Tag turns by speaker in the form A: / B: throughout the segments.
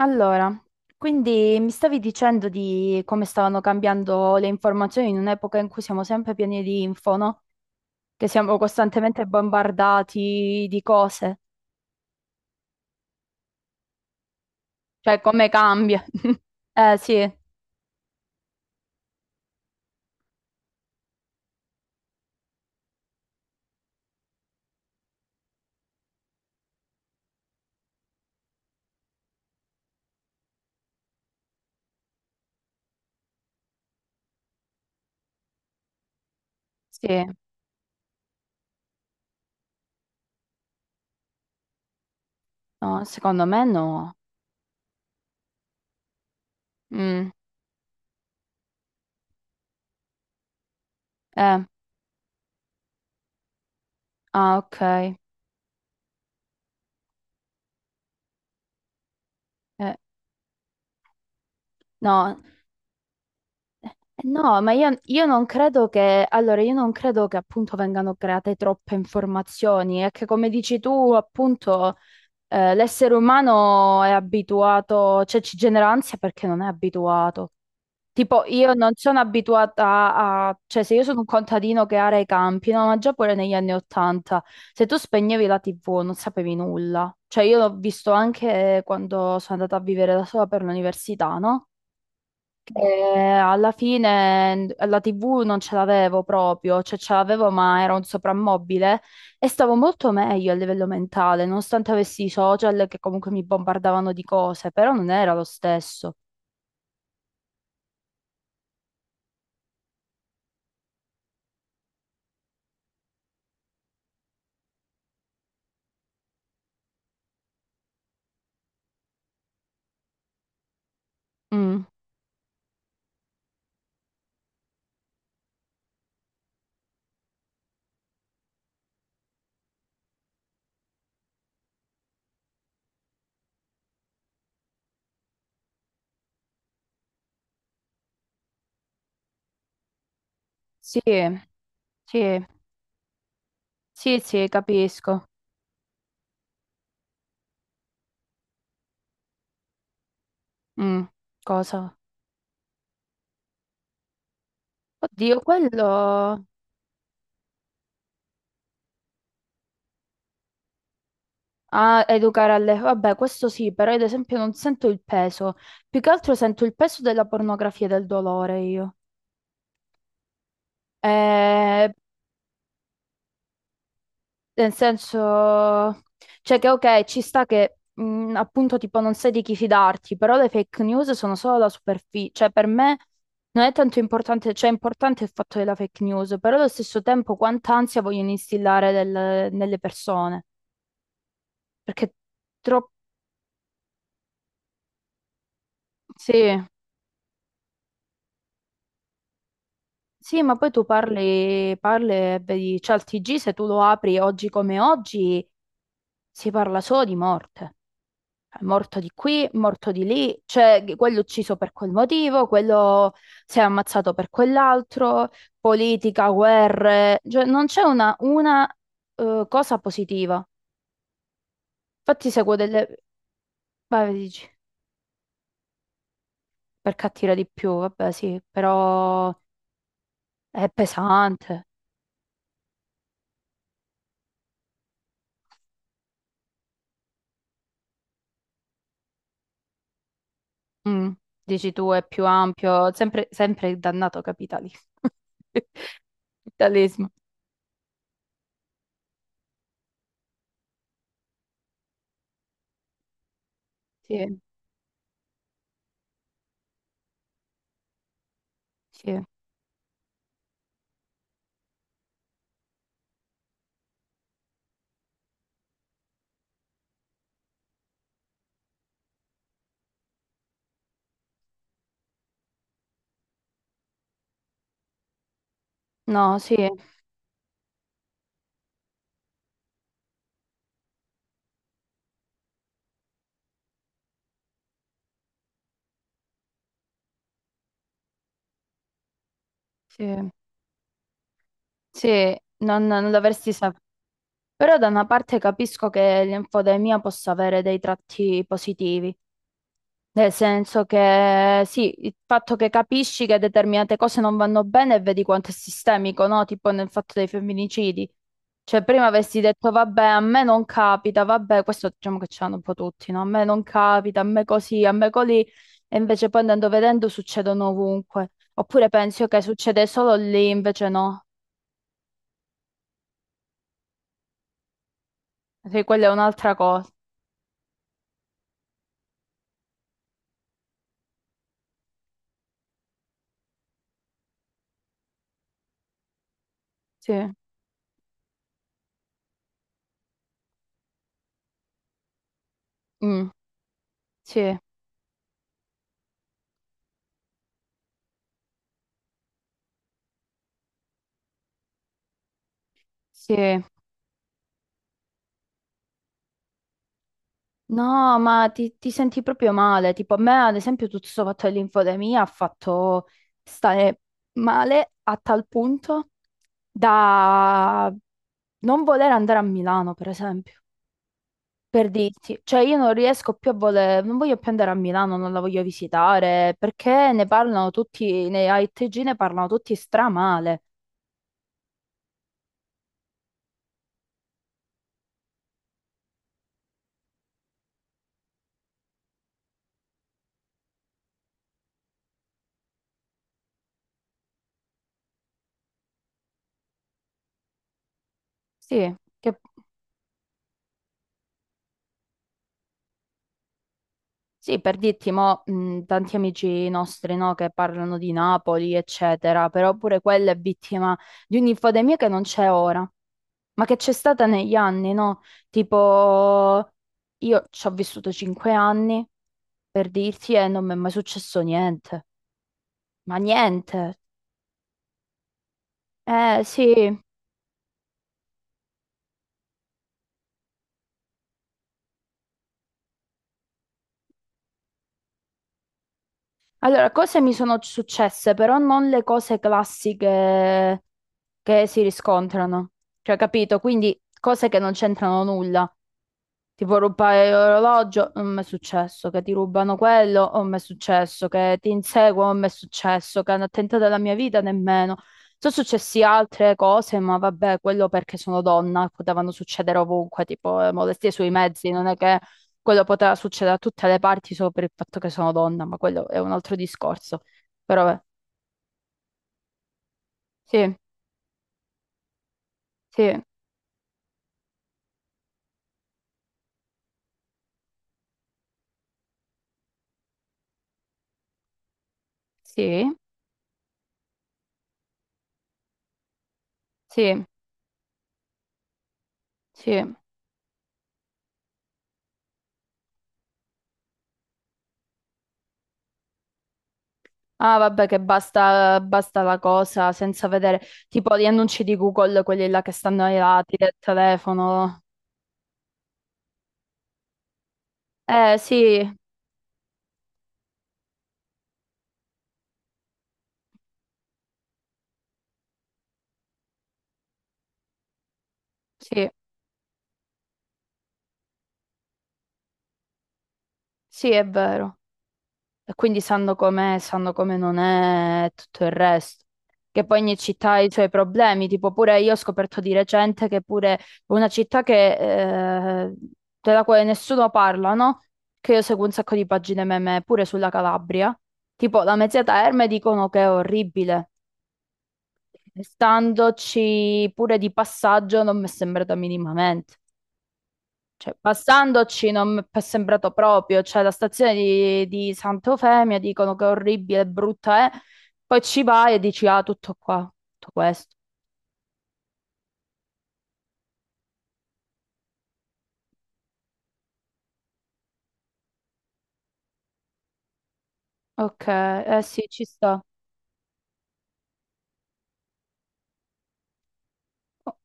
A: Allora, quindi mi stavi dicendo di come stavano cambiando le informazioni in un'epoca in cui siamo sempre pieni di info, no? Che siamo costantemente bombardati di cose, cioè come cambia. Eh sì, sì, no, secondo me no. Mm, eh, ah, ok. Eh, no, eh, no, ma io non credo che, allora, io non credo che appunto vengano create troppe informazioni, è che come dici tu, appunto... l'essere umano è abituato, cioè ci genera ansia perché non è abituato. Tipo, io non sono abituata a, cioè se io sono un contadino che ara i campi, no, ma già pure negli anni Ottanta, se tu spegnevi la TV non sapevi nulla. Cioè io l'ho visto anche quando sono andata a vivere da sola per l'università, no? Alla fine n- la TV non ce l'avevo proprio, cioè ce l'avevo ma era un soprammobile e stavo molto meglio a livello mentale, nonostante avessi i social che comunque mi bombardavano di cose, però non era lo stesso. Mm. Sì, sì, sì, sì, capisco. Mm. Cosa? Oddio, quello... Ah, educare alle... Vabbè, questo sì, però ad esempio non sento il peso. Più che altro sento il peso della pornografia e del dolore io. Eh, Nel senso, cioè che ok, ci sta che appunto tipo non sai di chi fidarti, però le fake news sono solo la superficie, cioè per me non è tanto importante, cioè è importante il fatto della fake news, però allo stesso tempo quanta ansia vogliono instillare nel- nelle persone, perché troppo... Sì, sì, ma poi tu parli, parli e vedi, cioè il TG se tu lo apri oggi come oggi si parla solo di morte. Morto di qui, morto di lì, cioè che- quello ucciso per quel motivo, quello si è ammazzato per quell'altro, politica, guerre, cioè non c'è una cosa positiva. Infatti seguo delle... Vai, dici, per cattiva di più, vabbè sì, però è pesante. Mm, dici tu, è più ampio, sempre, sempre il dannato capitalismo. Capitalismo. Sì, sì. No, sì, sì, sì, non l'avresti saputo. Però da una parte capisco che l'infodemia possa avere dei tratti positivi, nel senso che sì, il fatto che capisci che determinate cose non vanno bene e vedi quanto è sistemico, no? Tipo nel fatto dei femminicidi. Cioè prima avessi detto vabbè, a me non capita, vabbè, questo diciamo che ce l'hanno un po' tutti, no? A me non capita, a me così, a me colì, e invece poi andando vedendo succedono ovunque. Oppure pensi che succede solo lì, invece no. Sì, quella è un'altra cosa. Sì. Mm, sì. Sì, no, ma ti senti proprio male. Tipo, a me, ad esempio, tutto questo fatto dell'infodemia ha fatto stare male a tal punto da non voler andare a Milano, per esempio, per dirti. Cioè, io non riesco più a voler, non voglio più andare a Milano, non la voglio visitare, perché ne parlano tutti, nei AITG ne parlano tutti stramale. Sì, che sì, per dirti, mo, tanti amici nostri, no, che parlano di Napoli, eccetera, però pure quella è vittima di un'infodemia che non c'è ora, ma che c'è stata negli anni, no? Tipo, io ci ho vissuto 5 anni, per dirti, e non mi è mai successo niente, ma niente. Sì. Allora, cose mi sono successe, però non le cose classiche che si riscontrano, cioè, capito? Quindi cose che non c'entrano nulla. Tipo rubare l'orologio, non mi è successo, che ti rubano quello, non mi è successo, che ti inseguono, non mi è successo, che hanno tentato la mia vita, nemmeno. Sono successe altre cose, ma vabbè, quello perché sono donna, potevano succedere ovunque, tipo molestie sui mezzi, non è che quello poteva succedere a tutte le parti solo per il fatto che sono donna, ma quello è un altro discorso. Però, sì, sì, sì, sì, sì. Ah, vabbè, che basta, basta la cosa senza vedere tipo gli annunci di Google, quelli là che stanno ai lati del telefono. Sì, sì, sì, è vero. E quindi sanno com'è, sanno come non è e tutto il resto. Che poi ogni città ha i suoi problemi, tipo pure io ho scoperto di recente che pure una città che, della quale nessuno parla, no? Che io seguo un sacco di pagine meme pure sulla Calabria. Tipo la Mezzia Terme dicono che è orribile. Standoci pure di passaggio non mi è sembrata minimamente. Cioè, passandoci non mi è sembrato proprio. Cioè, la stazione di Sant'Eufemia dicono che è orribile, brutta è. Poi ci vai e dici, ah, tutto qua, tutto questo. Ok, eh sì, ci sta.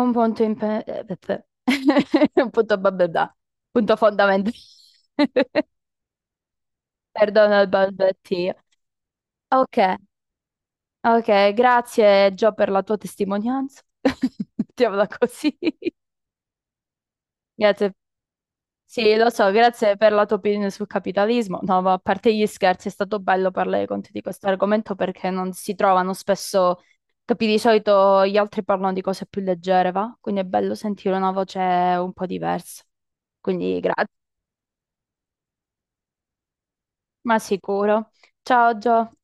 A: Un punto in Un punto bababà. Punto fondamentale. Perdono il balbettio. Ok. Ok, grazie Gio per la tua testimonianza. Mettiamola così. Grazie. Sì, lo so, grazie per la tua opinione sul capitalismo. No, ma a parte gli scherzi, è stato bello parlare con te di questo argomento perché non si trovano spesso, capi, di solito gli altri parlano di cose più leggere, va? Quindi è bello sentire una voce un po' diversa. Quindi grazie, ma sicuro. Ciao Gio.